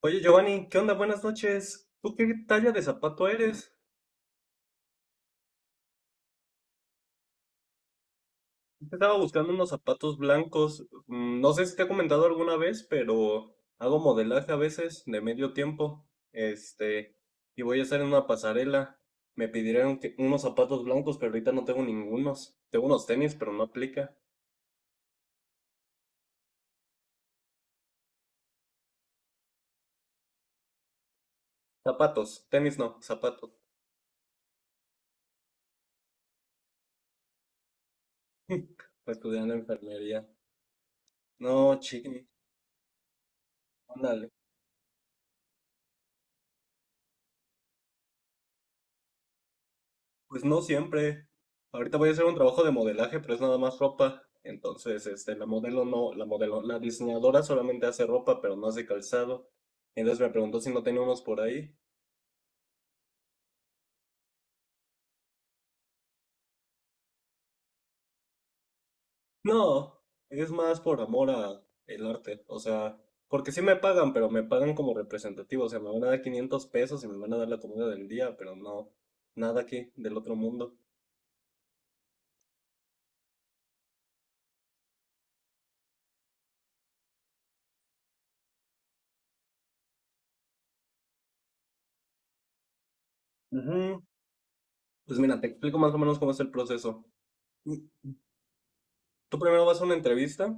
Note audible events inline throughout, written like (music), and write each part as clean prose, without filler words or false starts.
Oye, Giovanni, ¿qué onda? Buenas noches. ¿Tú qué talla de zapato eres? Yo estaba buscando unos zapatos blancos. No sé si te he comentado alguna vez, pero hago modelaje a veces de medio tiempo. Este, y voy a estar en una pasarela. Unos zapatos blancos, pero ahorita no tengo ningunos. Tengo unos tenis, pero no aplica. Zapatos, tenis no, zapatos. (laughs) Estudiando enfermería. No, chiqui, pues no siempre. Ahorita voy a hacer un trabajo de modelaje, pero es nada más ropa. Entonces, la modelo no, la modelo, la diseñadora solamente hace ropa, pero no hace calzado. Entonces me preguntó si no tenía por ahí. No, es más por amor a el arte. O sea, porque sí me pagan, pero me pagan como representativo. O sea, me van a dar 500 pesos y me van a dar la comida del día, pero no, nada aquí del otro mundo. Ujú. Pues mira, te explico más o menos cómo es el proceso. Tú primero vas a una entrevista.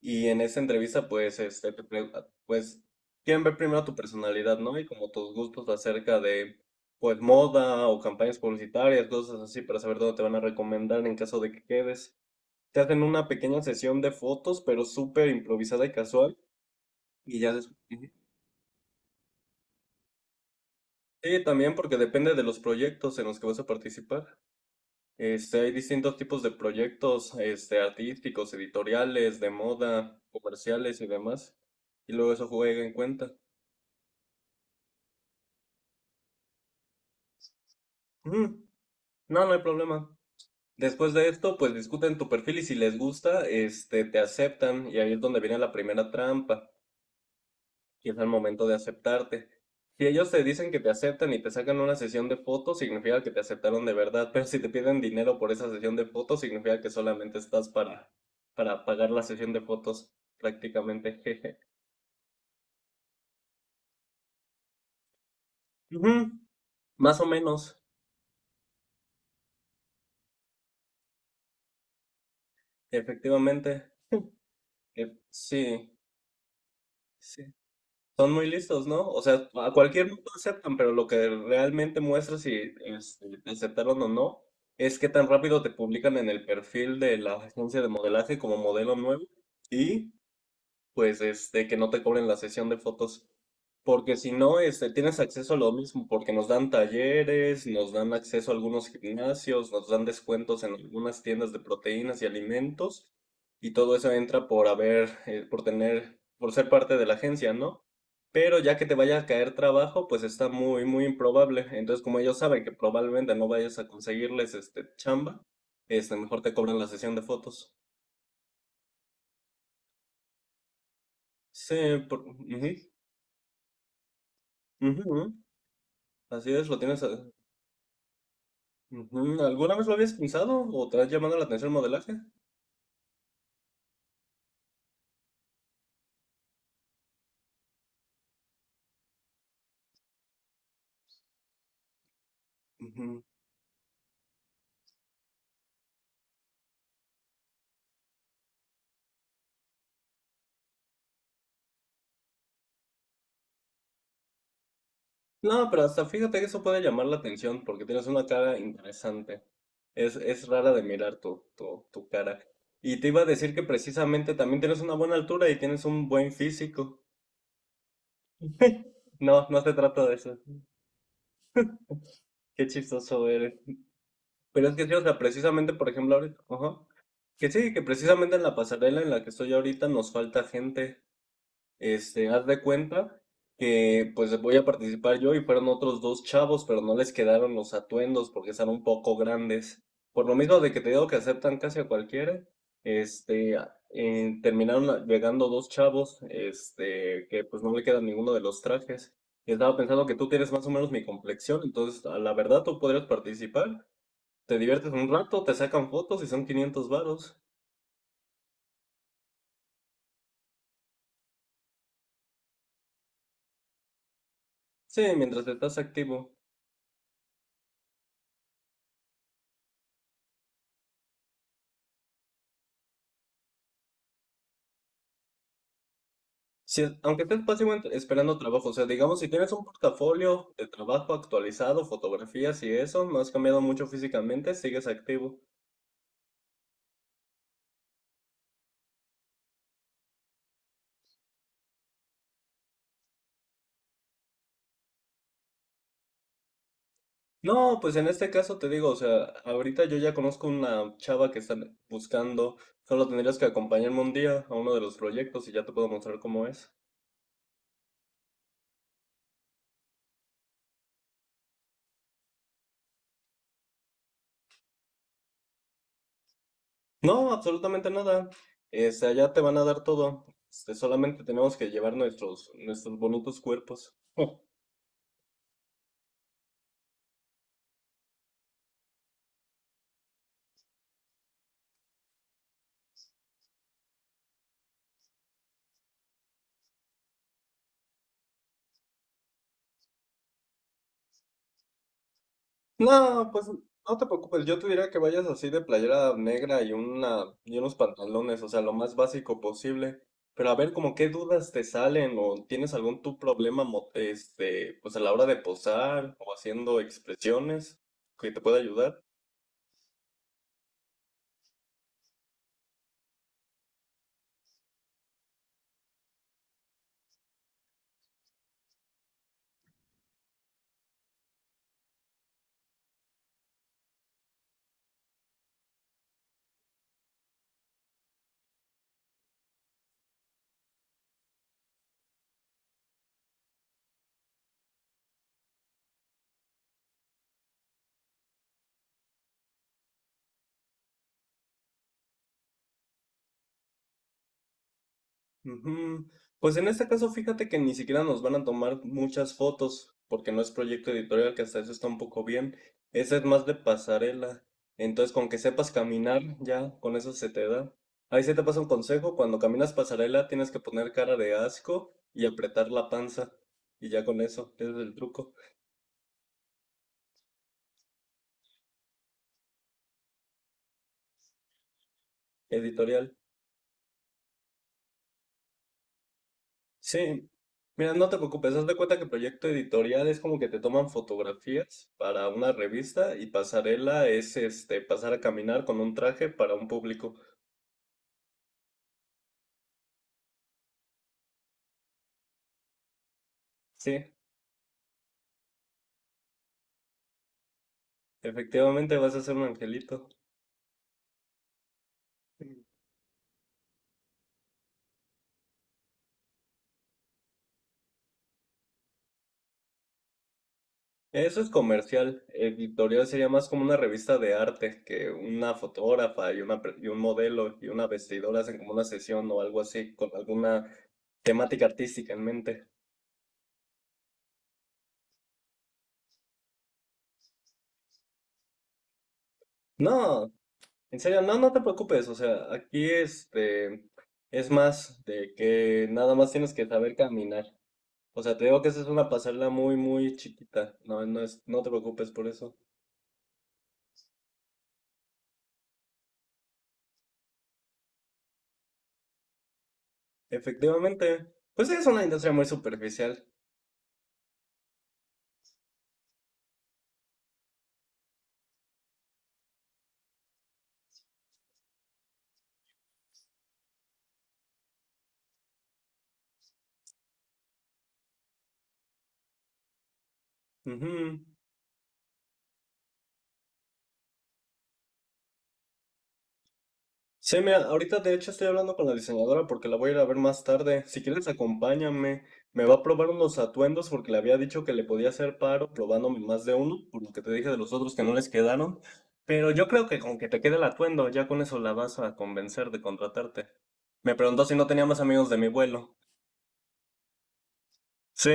Y en esa entrevista, pues, pues, quieren ver primero tu personalidad, ¿no? Y como tus gustos acerca de, pues, moda o campañas publicitarias, cosas así, para saber dónde te van a recomendar en caso de que quedes. Te hacen una pequeña sesión de fotos, pero súper improvisada y casual. Y ya después... Sí, también porque depende de los proyectos en los que vas a participar. Hay distintos tipos de proyectos, artísticos, editoriales, de moda, comerciales y demás. Y luego eso juega en cuenta. Ujú. No, no hay problema. Después de esto, pues discuten tu perfil y si les gusta, te aceptan y ahí es donde viene la primera trampa, que es al momento de aceptarte. Si ellos te dicen que te aceptan y te sacan una sesión de fotos, significa que te aceptaron de verdad, pero si te piden dinero por esa sesión de fotos, significa que solamente estás para pagar la sesión de fotos, prácticamente. (laughs) Jeje. Ujú, más o menos, efectivamente. Sí, sí. Son muy listos, ¿no? O sea, a cualquier mundo aceptan, pero lo que realmente muestra si te aceptaron o no es qué tan rápido te publican en el perfil de la agencia de modelaje como modelo nuevo y que no te cobren la sesión de fotos. Porque si no, tienes acceso a lo mismo, porque nos dan talleres, nos dan acceso a algunos gimnasios, nos dan descuentos en algunas tiendas de proteínas y alimentos, y todo eso entra por haber, por tener, por ser parte de la agencia, ¿no? Pero ya que te vaya a caer trabajo, pues está muy, muy improbable. Entonces, como ellos saben que probablemente no vayas a conseguirles este chamba, mejor te cobran la sesión de fotos. Sí, ujú, ujú, así es, lo tienes. Ujú, ¿alguna vez lo habías pensado o te ha llamado la atención el modelaje? Ujú. No, pero hasta fíjate que eso puede llamar la atención porque tienes una cara interesante. Es rara de mirar tu cara. Y te iba a decir que precisamente también tienes una buena altura y tienes un buen físico. (laughs) No, no se trata de eso. Qué chistoso eres. Pero es que sí, o sea, precisamente, por ejemplo, ahorita, ajá, que sí, que precisamente en la pasarela en la que estoy ahorita nos falta gente. Haz de cuenta que pues voy a participar yo y fueron otros dos chavos, pero no les quedaron los atuendos porque están un poco grandes. Por lo mismo de que te digo que aceptan casi a cualquiera, terminaron llegando dos chavos, que pues no le quedan ninguno de los trajes. Y estaba pensando que tú tienes más o menos mi complexión, entonces a la verdad tú podrías participar. Te diviertes un rato, te sacan fotos y son 500 varos. Sí, mientras estás activo. Si es- Aunque estés básicamente esperando trabajo, o sea, digamos, si tienes un portafolio de trabajo actualizado, fotografías y eso, no has cambiado mucho físicamente, sigues activo. No, pues en este caso te digo, o sea, ahorita yo ya conozco una chava que está buscando, solo tendrías que acompañarme un día a uno de los proyectos y ya te puedo mostrar cómo es. No, absolutamente nada. Allá te van a dar todo. Solamente tenemos que llevar nuestros bonitos cuerpos. (laughs) No, pues no te preocupes, yo te diría que vayas así de playera negra y una y unos pantalones, o sea, lo más básico posible. Pero a ver, como qué dudas te salen o tienes algún tu problema mo- este, pues a la hora de posar o haciendo expresiones que te pueda ayudar. Ujú. Pues en este caso, fíjate que ni siquiera nos van a tomar muchas fotos, porque no es proyecto editorial, que hasta eso está un poco bien. Ese es más de pasarela. Entonces, con que sepas caminar, ya, con eso se te da. Ahí se te pasa un consejo, cuando caminas pasarela tienes que poner cara de asco y apretar la panza. Y ya con eso, ese es el truco editorial. Sí, mira, no te preocupes, haz de cuenta que proyecto editorial es como que te toman fotografías para una revista y pasarela es este pasar a caminar con un traje para un público. Sí, efectivamente vas a ser un angelito. Eso es comercial. Editorial sería más como una revista de arte que una fotógrafa y y un modelo y una vestidora hacen como una sesión o algo así con alguna temática artística en mente. No, en serio, no, no te preocupes, o sea, aquí es más de que nada más tienes que saber caminar. O sea, te digo que esa es una pasarela muy, muy chiquita. No te preocupes por eso. Efectivamente, pues sí, es una industria muy superficial. Ujú. Sí, mira, ahorita de hecho estoy hablando con la diseñadora porque la voy a ir a ver más tarde. Si quieres, acompáñame. Me va a probar unos atuendos porque le había dicho que le podía hacer paro probándome más de uno, por lo que te dije de los otros que no les quedaron. Pero yo creo que con que te quede el atuendo, ya con eso la vas a convencer de contratarte. Me preguntó si no tenía más amigos de mi vuelo. Sí,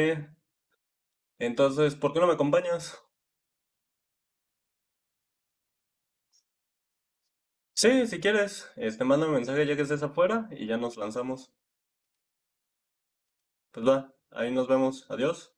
entonces, ¿por qué no me acompañas? Sí, si quieres, mándame un mensaje ya que estés afuera y ya nos lanzamos. Pues va, ahí nos vemos. Adiós.